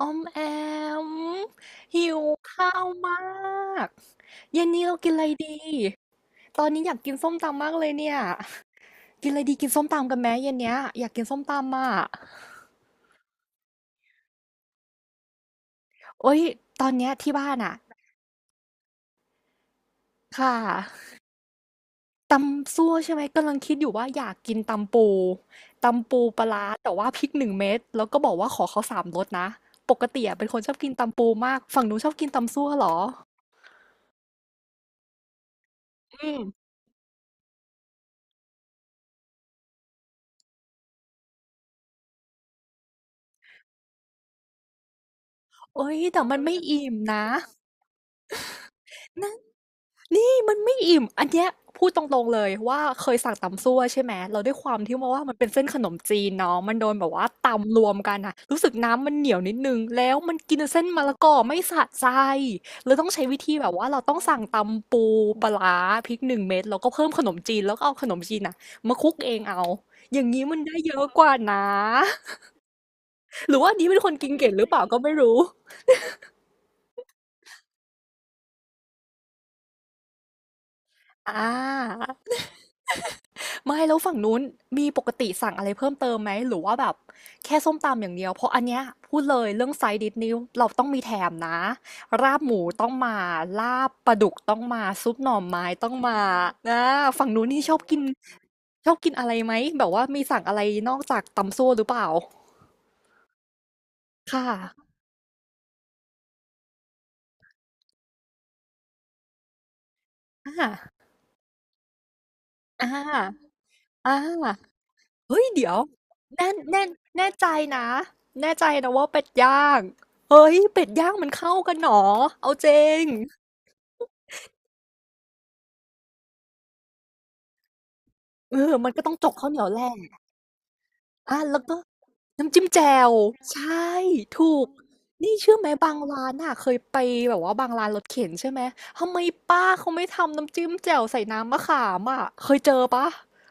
ออมแอมหิวข้าวมากเย็นนี้เรากินอะไรดีตอนนี้อยากกินส้มตำมากเลยเนี่ยกินอะไรดีกินส้มตำกันไหมเย็นเนี้ยอยากกินส้มตำอ่ะโอ๊ยตอนเนี้ยที่บ้านอ่ะค่ะตำซั่วใช่ไหมกำลังคิดอยู่ว่าอยากกินตำปูตำปูปลาร้าแต่ว่าพริกหนึ่งเม็ดแล้วก็บอกว่าขอเขาสามรสนะปกติอะเป็นคนชอบกินตำปูมากฝั่งนู้นชอบกินตำซั่วเหรออืมโอ๊ยแต่มันไม่อิ่มนะน่า นี่มันไม่อิ่มอันเนี้ยพูดตรงๆเลยว่าเคยสั่งตำซั่วใช่ไหมแล้วด้วยความที่ว่ามันเป็นเส้นขนมจีนเนาะมันโดนแบบว่าตำรวมกันน่ะรู้สึกน้ำมันเหนียวนิดหนึ่งแล้วมันกินเส้นมะละกอไม่สะใจเลยต้องใช้วิธีแบบว่าเราต้องสั่งตำปูปลาร้าพริกหนึ่งเม็ดแล้วก็เพิ่มขนมจีนแล้วก็เอาขนมจีนน่ะมาคลุกเองเอาอย่างงี้มันได้เยอะกว่านะหรือว่าอันนี้เป็นคนกินเก่งหรือเปล่าก็ไม่รู้อา ไม่แล้วฝั่งนู้นมีปกติสั่งอะไรเพิ่มเติมไหมหรือว่าแบบแค่ส้มตำอย่างเดียวเพราะอันเนี้ยพูดเลยเรื่องไซด์ดิชนี้เราต้องมีแถมนะราบหมูต้องมาลาบปลาดุกต้องมาซุปหน่อไม้ต้องมานะฝั่งนู้นนี่ชอบกินชอบกินอะไรไหมแบบว่ามีสั่งอะไรนอกจากตำซั่วหรือเปล่าค่ะอ่าอ่าอ่า เฮ้ยเดี๋ยวแน่แน่แน่ใจนะแน่ใจนะว่าเป็ดย่างเฮ้ยเป็ดย่างมันเข้ากันหนอเอาจริงเออมันก็ต้องจกข้าวเหนียวแหละอะแล้วก็ น้ำจิ้มแจ่วใช่ถูกนี่เชื่อไหมบางร้านน่ะเคยไปแบบว่าบางร้านรถเข็นใช่ไหมทำไมป้าเขาไม่ทำน้ำจิ้มแจ่วใส่น้ำมะขามอะเคยเจอเปล่า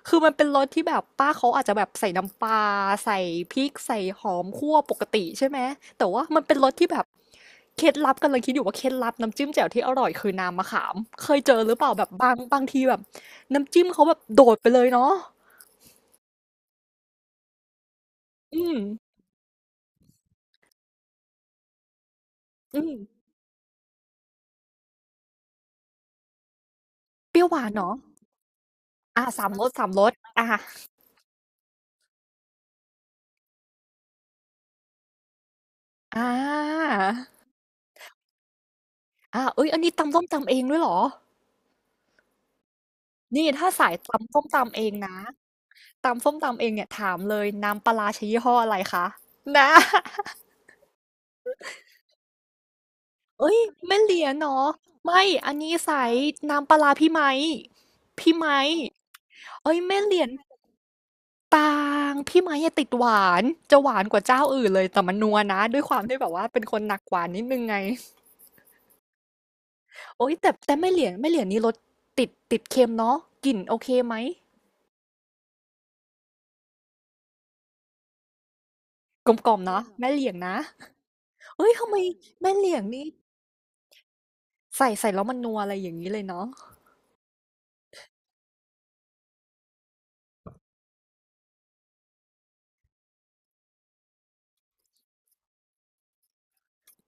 คือมันเป็นรสที่แบบป้าเขาอาจจะแบบใส่น้ำปลาใส่พริกใส่หอมคั่วปกติใช่ไหมแต่ว่ามันเป็นรสที่แบบเคล็ดลับกำลังคิดอยู่ว่าเคล็ดลับน้ำจิ้มแจ่วที่อร่อยคือน้ำมะขามเคยเจอหรือเปล่าแบบบางทีแบบน้ำจิ้มเขาแบบโดดไปเลยเนาะอืมอืมเปรี้ยวหวานเหรอ สามรสสามรสอาอาอาเฮ้ยอันนี้ตำส้มตำเองด้วยเหรอนี่ถ้าสายตำส้มตำเองนะตำส้มตำเองเนี่ยถามเลยน้ำปลาร้าใช้ยี่ห้ออะไรคะนะ เฮ้ยแม่เหรียญเหรอไม่อันนี้สายน้ำปลาร้าพี่ไมค์พี่ไมค์เฮ้ยแม่เหรียญบางพี่ไมค์อะติดหวานจะหวานกว่าเจ้าอื่นเลยแต่มันนัวนะด้วยความที่แบบว่าเป็นคนหนักหวานนิดหนึ่งไง โอ๊ยแต่แต่แม่เหลียงแม่เหลียงนี่รสติดเค็มเนาะกลิ่นโอเคไหมกลมกล่อมเนาะแม่เหลียงนะเอ้ยทำไมแม่เหลียงนี่ใส่แล้วมันนัวอะไรอย่างนี้เลยเนาะ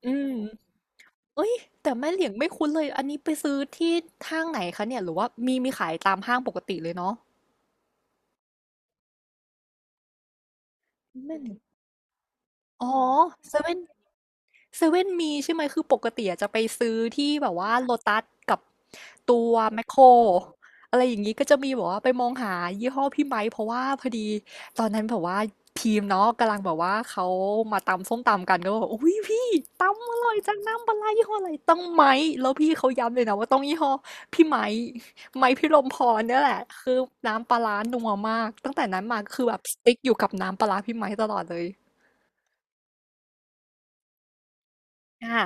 อืมเอ้ยแต่แม่เหลียงไม่คุ้นเลยอันนี้ไปซื้อที่ห้างไหนคะเนี่ยหรือว่ามีขายตามห้างปกติเลยเนาะแม่เหลียงอ๋อเซเว่น เซเว่นมีใช่ไหมคือปกติอะจะไปซื้อที่แบบว่าโลตัสกับตัวแมคโครอะไรอย่างนี้ก็จะมีแบบว่าไปมองหายี่ห้อพี่ไมค์เพราะว่าพอดีตอนนั้นแบบว่าทีมเนาะกำลังแบบว่าเขามาตำส้มตำกันก็บอกอุ้ยพี่ตำอร่อยจังน้ำปลาร้ายี่ห้ออะไรต้องไมค์แล้วพี่เขาย้ำเลยนะว่าต้องยี่ห้อพี่ไมค์ไมค์พี่ลมพรเนี่ยแหละคือน้ำปลาร้านัวมากตั้งแต่นั้นมาก็คือแบบสติ๊กอยู่กับน้ำปลาร้าพี่ไมค์ตลอดเลยอ่า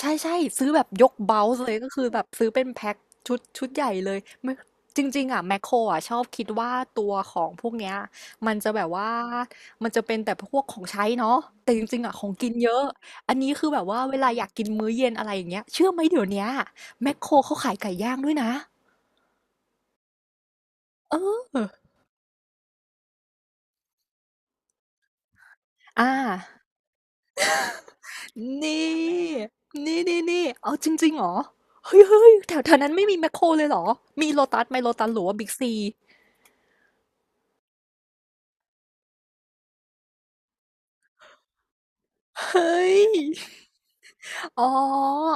ใช่ใช่ซื้อแบบยกเบาส์เลยก็คือแบบซื้อเป็นแพ็คชุดใหญ่เลยไม่จริงๆอ่ะแมคโครอ่ะชอบคิดว่าตัวของพวกเนี้ยมันจะแบบว่ามันจะเป็นแต่พวกของใช้เนาะแต่จริงๆอ่ะของกินเยอะอันนี้คือแบบว่าเวลาอยากกินมื้อเย็นอะไรอย่างเงี้ยเชื่อไหมเดี๋ยวเนี้ยแมคโครเขาขายไก่ย่างด้วยนะเอออ่านี่นี่เอาจริงๆเหรอเฮ้ยเฮ้ยแถวแถวนั้นไม่มีแมคโครเลยเหรอมีโลตัสไหมโลตัสหรือว่าบิ๊กซีเฮ้ย อ๋อ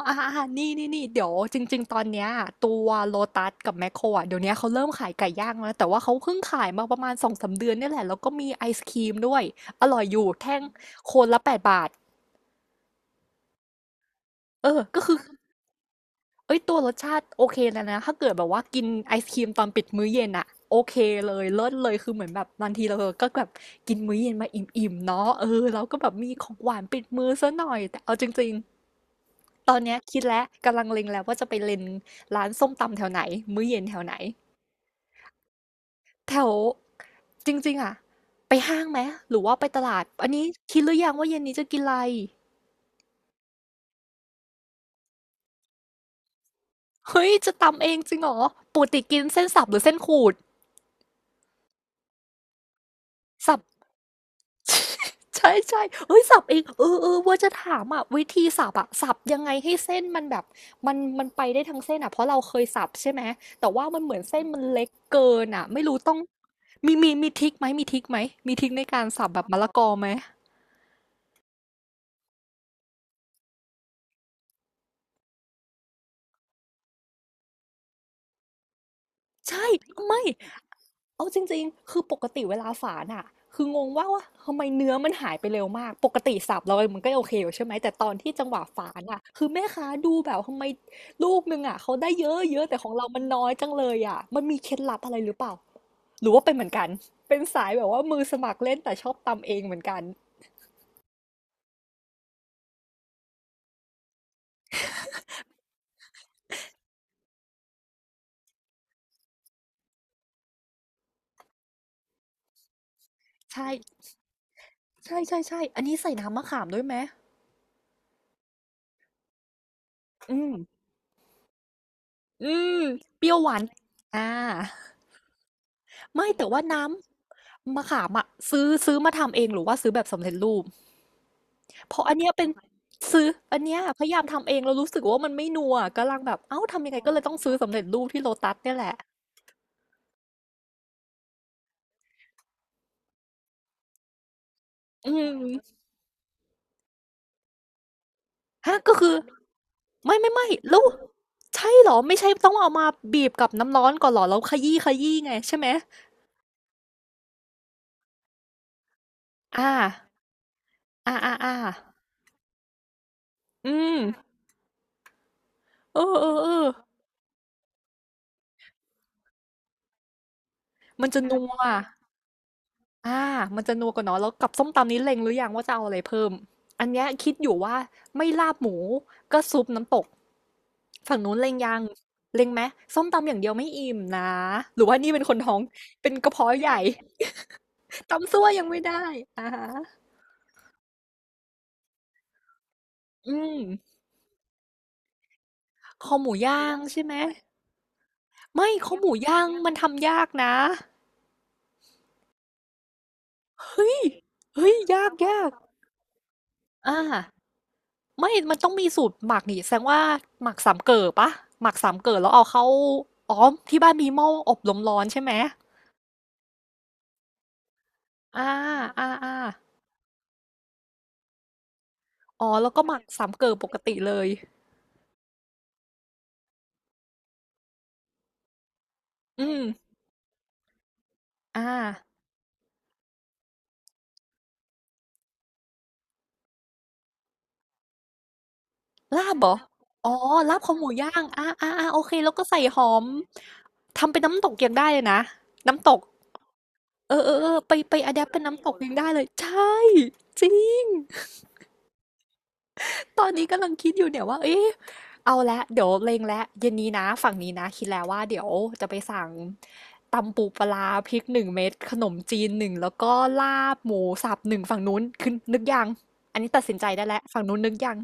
นี่เดี๋ยวจริงๆตอนเนี้ยตัวโลตัสกับแมคโครอ่ะเดี๋ยวนี้เขาเริ่มขายไก่ย่างแล้วนะแต่ว่าเขาเพิ่งขายมาประมาณสองสามเดือนเนี่ยแหละ แล้วก็มีไอศครีมด้วย อร่อยอยู่ แท่งคนละ8 บาท เออก็คือเอ้ยตัวรสชาติโอเคแล้วนะ ถ้าเกิดแบบว่ากินไอศครีมตอนปิดมื้อเย็นอ่ะโอเคเลย เลิศเลย คือเหมือนแบบบางทีเราก็แบบกินมื้อเย็นมาอิ่มๆเนาะเออเราก็แบบมีของหวานปิดมือซะหน่อยแต่เอาจริงๆ ตอนเนี้ยคิดแล้วกำลังเล็งแล้วว่าจะไปเล็งร้านส้มตำแถวไหนมื้อเย็นแถวไหนแถวจริงๆอ่ะไปห้างไหมหรือว่าไปตลาดอันนี้คิดหรือยังว่าเย็นนี้จะกินอะไรเฮ้ยจะตำเองจริงเหรอปกติกินเส้นสับหรือเส้นขูดสับ ใช่ใช่เฮ้ยสับเองเออเออว่าจะถามอ่ะวิธีสับอ่ะสับยังไงให้เส้นมันแบบมันไปได้ทั้งเส้นอ่ะเพราะเราเคยสับใช่ไหมแต่ว่ามันเหมือนเส้นมันเล็กเกินอ่ะไม่รู้ต้องมีทริคไหมมีทริคในการสับแบบมะละกอไหม ใช่ไม่เอาจริงๆคือปกติเวลาฝานอะคืองงว่าทำไมเนื้อมันหายไปเร็วมากปกติสับเรามันก็โอเคอยู่ใช่ไหมแต่ตอนที่จังหวะฝานอะคือแม่ค้าดูแบบทำไมลูกนึงอะเขาได้เยอะเยอะแต่ของเรามันน้อยจังเลยอะมันมีเคล็ดลับอะไรหรือเปล่าหรือว่าเป็นเหมือนกันเป็นสายแบบว่ามือสมัครเล่นแต่ชอบตำเองเหมือนกันใช่ใช่ใช่ใช่อันนี้ใส่น้ำมะขามด้วยไหมอืมอืมเปรี้ยวหวานอ่า ไม่แต่ว่าน้ำมะขามอะซื้อซื้อมาทำเองหรือว่าซื้อแบบสำเร็จรูปเพราะอันเนี้ยเป็นซื้ออันเนี้ยพยายามทำเองแล้วรู้สึกว่ามันไม่นัวกำลังแบบเอ้าทำยังไงก็เลยต้องซื้อสำเร็จรูปที่โลตัสเนี่ยแหละอืมฮะก็คือไม่ไม่ไม่แล้วใช่เหรอไม่ใช่ต้องเอามาบีบกับน้ำร้อนก่อนเหรอแล้วขยี้ขยี้ไงใช่ไหมอาอาอ่าอาอืมเออเออเออมันจะนัว อ่ามันจะนัวกว่าเนาะแล้วกับส้มตำนี้เล็งหรือยังว่าจะเอาอะไรเพิ่มอันเนี้ยคิดอยู่ว่าไม่ลาบหมูก็ซุปน้ำตกฝั่งนู้นเล็งยังเล็งไหมส้มตำอย่างเดียวไม่อิ่มนะหรือว่านี่เป็นคนท้องเป็นกระเพาะใหญ่ ตำซั่วยังไม่ได้อะฮะอืมคอหมูย่างใช่ไหม ไม่คอหมูย่างมันทำยากนะเฮ้ยเฮ้ยยากๆอา ไม่มันต้องมีสูตรหมักนี่แสดงว่าหมักสามเก๋อปะ หมักสามเก๋อแล้วเอาเข้าอ๋อที่บ้านมีหม้ออบลมร้อนใช่ไหมอ่าอ่าอ่าอ๋อแล้วก็หมักสามเก๋อปกติเลยอืมอ่าลาบเหรอ อ๋อลาบคอหมูย่างอ่าอ่าอ่าโอเคแล้วก็ใส่หอม ทำเป็นน้ำตกยังได้เลยนะน้ำตกเออเออเออไปอะแดปเป็นน้ำตกยังได้เลยใช่จริง ตอนนี้กำลังคิดอยู่เนี่ยว่า เอ๊ะเอาละเดี๋ยวเล็งแล้วเย็นนี้นะ ฝั่งนี้นะ คิดแล้วว่าเดี๋ยวจะไปสั่งตำปูปลาพริก 1 เม็ดขนมจีน 1แล้วก็ลาบหมูสับ 1ฝั่งนู้นคือนึกยังอันนี้ตัดสินใจได้แล้วฝั่งนู้นนึกยัง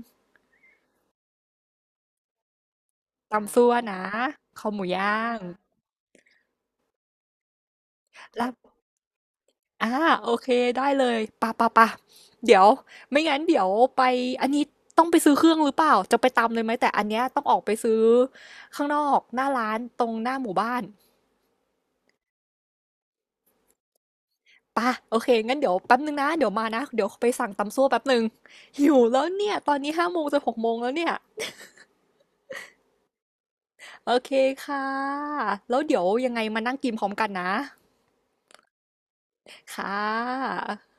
ตำซั่วนะข้าหมูย่างแล้วอ่าโอเคได้เลยปะปะปะเดี๋ยวไม่งั้นเดี๋ยวไปอันนี้ต้องไปซื้อเครื่องหรือเปล่า จะไปตำเลยไหม แต่อันเนี้ยต้องออกไปซื้อข้างนอกหน้าร้านตรงหน้าหมู่บ้าน ป่ะโอเคงั้นเดี๋ยวแป๊บนึงนะเดี๋ยวมานะเดี๋ยวไปสั่งตำซั่วแป๊บนึงหิวแล้วเนี่ยตอนนี้5 โมงจะ6 โมงแล้วเนี่ยโอเคค่ะแล้วเดี๋ยวยังไงมานั่งกินพร้อมกันนะค่ะ